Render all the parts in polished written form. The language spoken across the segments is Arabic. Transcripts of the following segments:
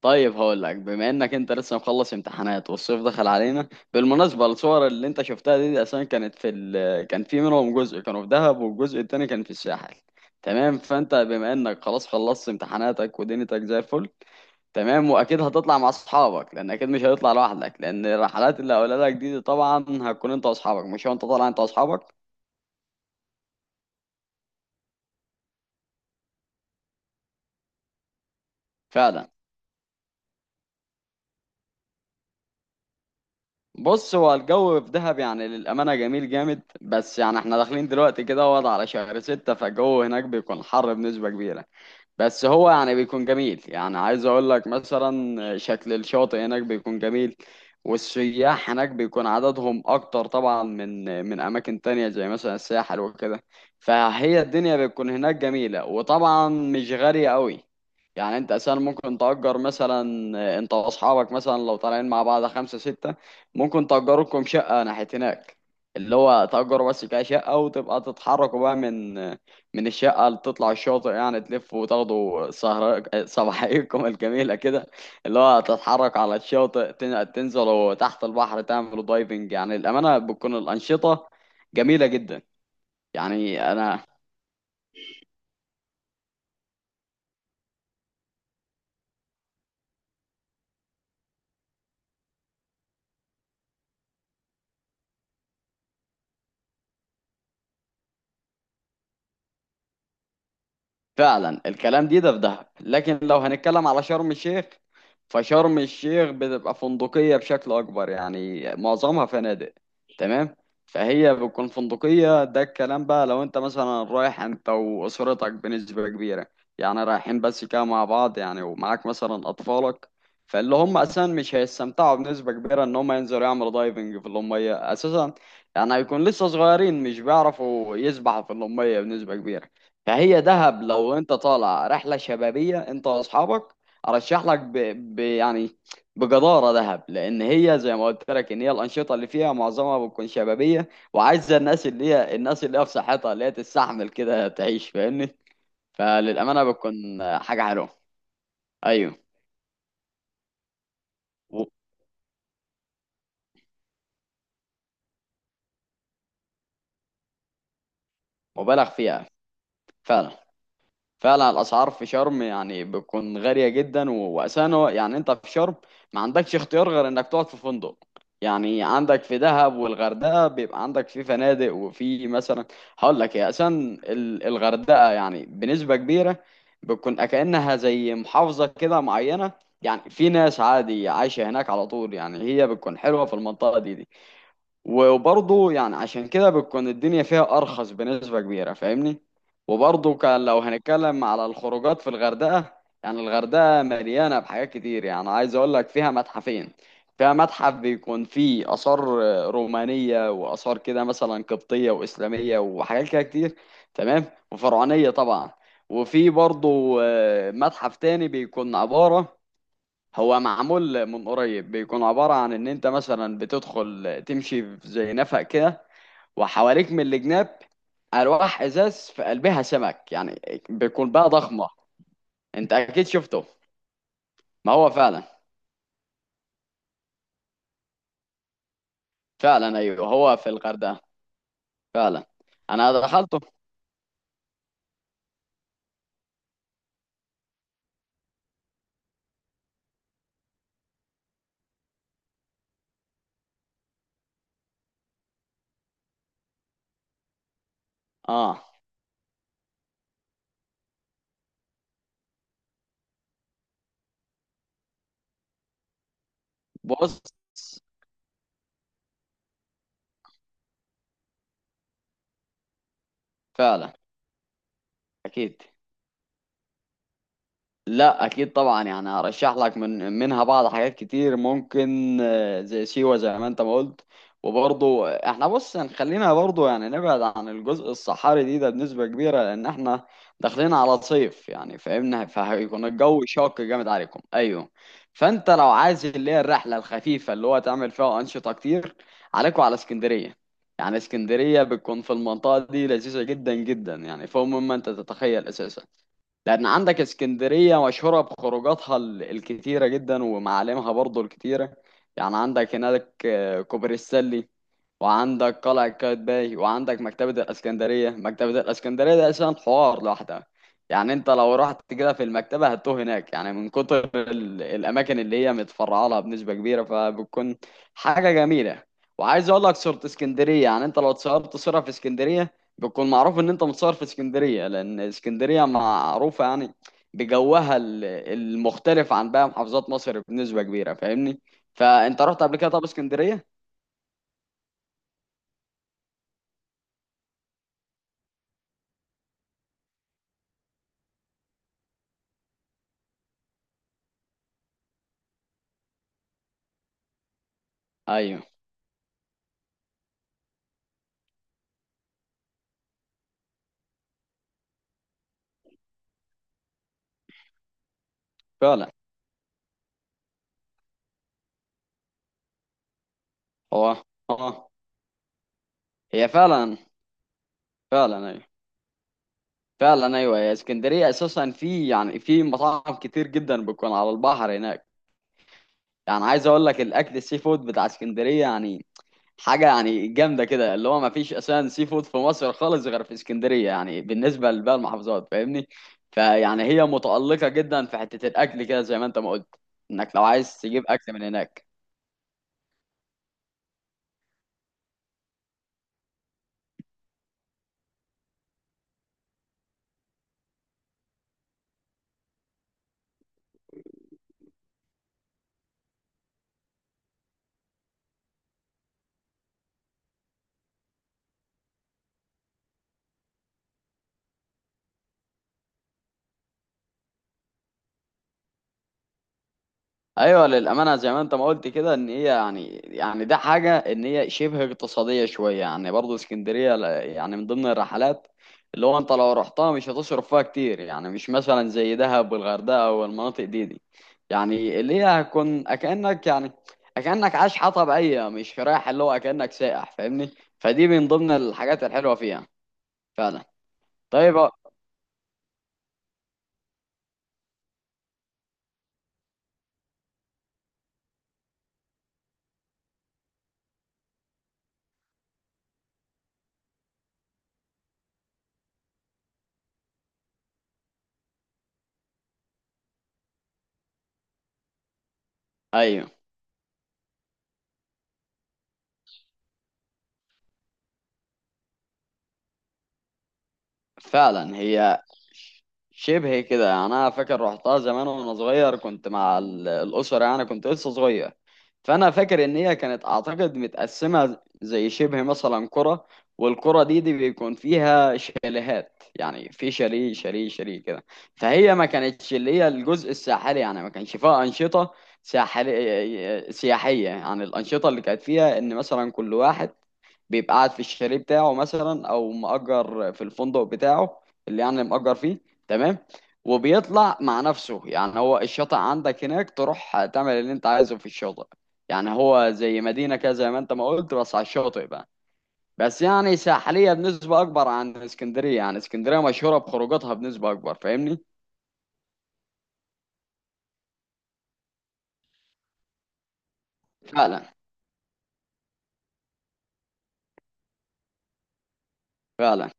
طيب، هقول لك بما انك انت لسه مخلص امتحانات والصيف دخل علينا. بالمناسبه الصور اللي انت شفتها دي، دي اصلا كانت كان في منهم جزء كانوا في دهب والجزء التاني كان في الساحل. تمام، فانت بما انك خلاص خلصت امتحاناتك ودنيتك زي الفل. تمام، واكيد هتطلع مع اصحابك، لان اكيد مش هتطلع لوحدك، لان الرحلات اللي هقولها لك دي، دي طبعا هتكون انت واصحابك، مش هو انت طالع، انت واصحابك. فعلا. بص، هو الجو في دهب يعني للأمانة جميل جامد، بس يعني احنا داخلين دلوقتي كده وضع على شهر 6، فالجو هناك بيكون حر بنسبة كبيرة. بس هو يعني بيكون جميل، يعني عايز اقول لك مثلا شكل الشاطئ هناك بيكون جميل. والسياح هناك بيكون عددهم اكتر طبعا من اماكن تانية زي مثلا الساحل وكده. فهي الدنيا بتكون هناك جميلة، وطبعا مش غالية قوي. يعني انت اساسا ممكن تأجر، مثلا انت واصحابك مثلا لو طالعين مع بعض خمسة ستة، ممكن تأجروا لكم شقة ناحية هناك. اللي هو تأجروا بس كده شقة، وتبقى تتحركوا بقى من الشقة اللي تطلع الشاطئ. يعني تلف وتاخدوا سهر صباحيكم الجميلة كده، اللي هو تتحرك على الشاطئ، تنزلوا تحت البحر تعملوا دايفنج. يعني الأمانة بتكون الأنشطة جميلة جدا. يعني أنا. فعلا، الكلام ده في دهب، لكن لو هنتكلم على شرم الشيخ، فشرم الشيخ بتبقى فندقية بشكل أكبر، يعني معظمها فنادق. تمام. فهي بتكون فندقية، ده الكلام بقى لو أنت مثلا رايح أنت وأسرتك بنسبة كبيرة. يعني رايحين بس كده مع بعض، يعني ومعاك مثلا أطفالك، فاللي هم أساسا مش هيستمتعوا بنسبة كبيرة إن هم ينزلوا يعملوا دايفنج في المية أساسا. يعني هيكون لسه صغيرين، مش بيعرفوا يسبحوا في المية بنسبة كبيرة. فهي دهب لو انت طالع رحله شبابيه انت واصحابك، ارشح لك يعني بجداره دهب. لان هي زي ما قلت لك ان هي الانشطه اللي فيها معظمها بتكون شبابيه، وعايزه الناس اللي هي في صحتها اللي هي تستحمل كده تعيش، فاهمني. فللامانه بتكون حاجه حلوه. ايوه. و- مبالغ فيها. فعلا، فعلا. الاسعار في شرم يعني بتكون غاليه جدا، يعني انت في شرم ما عندكش اختيار غير انك تقعد في فندق. يعني عندك في دهب والغردقه بيبقى عندك في فنادق، وفي مثلا، هقول لك يا اساسا الغردقه يعني بنسبه كبيره بتكون كانها زي محافظه كده معينه. يعني في ناس عادي عايشه هناك على طول، يعني هي بتكون حلوه في المنطقه دي. وبرضه يعني عشان كده بتكون الدنيا فيها أرخص بنسبة كبيرة، فاهمني. وبرضه كان لو هنتكلم على الخروجات في الغردقة، يعني الغردقة مليانة بحاجات كتير. يعني عايز أقول لك فيها متحفين. فيها متحف بيكون فيه آثار رومانية، وآثار كده مثلا قبطية وإسلامية وحاجات كده كتير، تمام، وفرعونية طبعا. وفي برضه متحف تاني بيكون عبارة، هو معمول من قريب، بيكون عبارة عن إن أنت مثلا بتدخل تمشي في زي نفق كده، وحواليك من الجناب ألواح إزاز في قلبها سمك. يعني بيكون بقى ضخمة. أنت أكيد شفته. ما هو فعلا. فعلا أيوه، هو في الغردقة. فعلا. أنا دخلته. آه بص. فعلا. أكيد. لا، اكيد طبعا، يعني هرشح لك منها بعض حاجات كتير ممكن، زي سيوة زي ما انت ما قلت. وبرضه احنا بص، يعني خلينا برضه يعني نبعد عن الجزء الصحاري ده بنسبة كبيرة، لان احنا داخلين على صيف، يعني فاهمنا، فهيكون الجو شاق جامد عليكم. ايوه. فانت لو عايز اللي هي الرحلة الخفيفة اللي هو تعمل فيها انشطة كتير، عليكم على اسكندرية. يعني اسكندرية بتكون في المنطقة دي لذيذة جدا جدا، يعني فوق مما انت تتخيل اساسا. لأن عندك اسكندرية مشهورة بخروجاتها الكتيرة جدا، ومعالمها برضو الكتيرة. يعني عندك هناك كوبري السلي، وعندك قلعة قايتباي، وعندك مكتبة الإسكندرية. مكتبة الإسكندرية ده أساسا حوار لوحدها، يعني أنت لو رحت كده في المكتبة هتتوه هناك، يعني من كتر الأماكن اللي هي متفرعة لها بنسبة كبيرة، فبتكون حاجة جميلة. وعايز أقول لك صورة اسكندرية، يعني أنت لو اتصورت صورة في اسكندرية، بيكون معروف ان انت متصور في اسكندريه، لان اسكندريه معروفه يعني بجوها المختلف عن باقي محافظات مصر بنسبه كبيره، فاهمني. فانت رحت قبل كده طب اسكندريه؟ ايوه، فعلا. هو اه، هي فعلا. فعلا ايوه. فعلا ايوه، هي اسكندريه اساسا في مطاعم كتير جدا بتكون على البحر هناك. يعني عايز اقول لك الاكل السي فود بتاع اسكندريه يعني حاجه يعني جامده كده، اللي هو ما فيش اساسا سي فود في مصر خالص غير في اسكندريه، يعني بالنسبه لباقي المحافظات، فاهمني. فيعني هي متالقه جدا في حته الاكل كده، زي ما انت ما قلت انك لو عايز تجيب اكل من هناك. ايوه للامانه، زي ما انت ما قلت كده، ان هي يعني ده حاجه ان هي شبه اقتصاديه شويه. يعني برضه اسكندريه يعني من ضمن الرحلات، اللي هو انت لو رحتها مش هتصرف فيها كتير، يعني مش مثلا زي دهب والغردقه والمناطق دي. يعني اللي هي هتكون اكانك، يعني اكانك عايش حياه طبيعيه، مش رايح اللي هو اكانك سائح، فاهمني. فدي من ضمن الحاجات الحلوه فيها. فعلا. طيب ايوه، فعلا. هي شبه كده، يعني انا فاكر رحتها زمان وانا صغير، كنت مع الاسره، يعني كنت لسه صغير. فانا فاكر ان هي كانت اعتقد متقسمه زي شبه مثلا قرى، والقرى دي بيكون فيها شاليهات. يعني في شاليه شاليه شاليه كده. فهي ما كانتش اللي هي الجزء الساحلي، يعني ما كانش فيها انشطه ساحليه سياحيه. يعني الانشطه اللي كانت فيها ان مثلا كل واحد بيبقى قاعد في الشاليه بتاعه، مثلا او مأجر في الفندق بتاعه اللي يعني مأجر فيه. تمام. وبيطلع مع نفسه، يعني هو الشاطئ عندك هناك، تروح تعمل اللي انت عايزه في الشاطئ. يعني هو زي مدينة كده زي ما انت ما قلت، بس على الشاطئ بقى. بس يعني ساحلية بنسبة أكبر عن اسكندرية، يعني اسكندرية مشهورة بخروجاتها بنسبة أكبر، فاهمني؟ فعلا. فعلا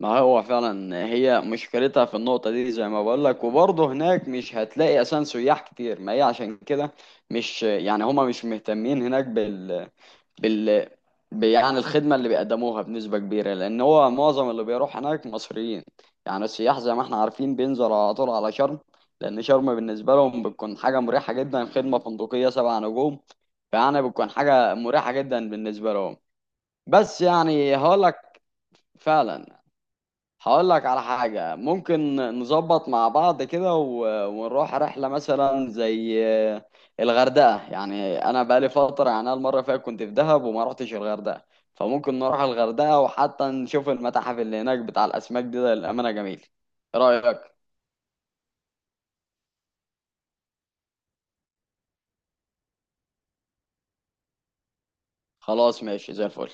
ما هو فعلا، هي مشكلتها في النقطة دي زي ما بقول لك. وبرضه هناك مش هتلاقي أساسا سياح كتير، ما هي عشان كده. مش يعني هما مش مهتمين هناك بال يعني الخدمة اللي بيقدموها بنسبة كبيرة، لأن هو معظم اللي بيروح هناك مصريين. يعني السياح زي ما احنا عارفين بينزلوا على طول على شرم، لأن شرم بالنسبة لهم بتكون حاجة مريحة جدا، خدمة فندقية 7 نجوم. فيعني بتكون حاجة مريحة جدا بالنسبة لهم. بس يعني هقول لك. فعلا. هقول لك على حاجة ممكن نظبط مع بعض كده، ونروح رحلة مثلا زي الغردقة. يعني أنا بقالي فترة، يعني أنا المرة اللي فاتت كنت في دهب وما رحتش الغردقة. فممكن نروح الغردقة وحتى نشوف المتاحف اللي هناك بتاع الأسماك ده للأمانة جميل. إيه رأيك؟ خلاص ماشي زي الفل.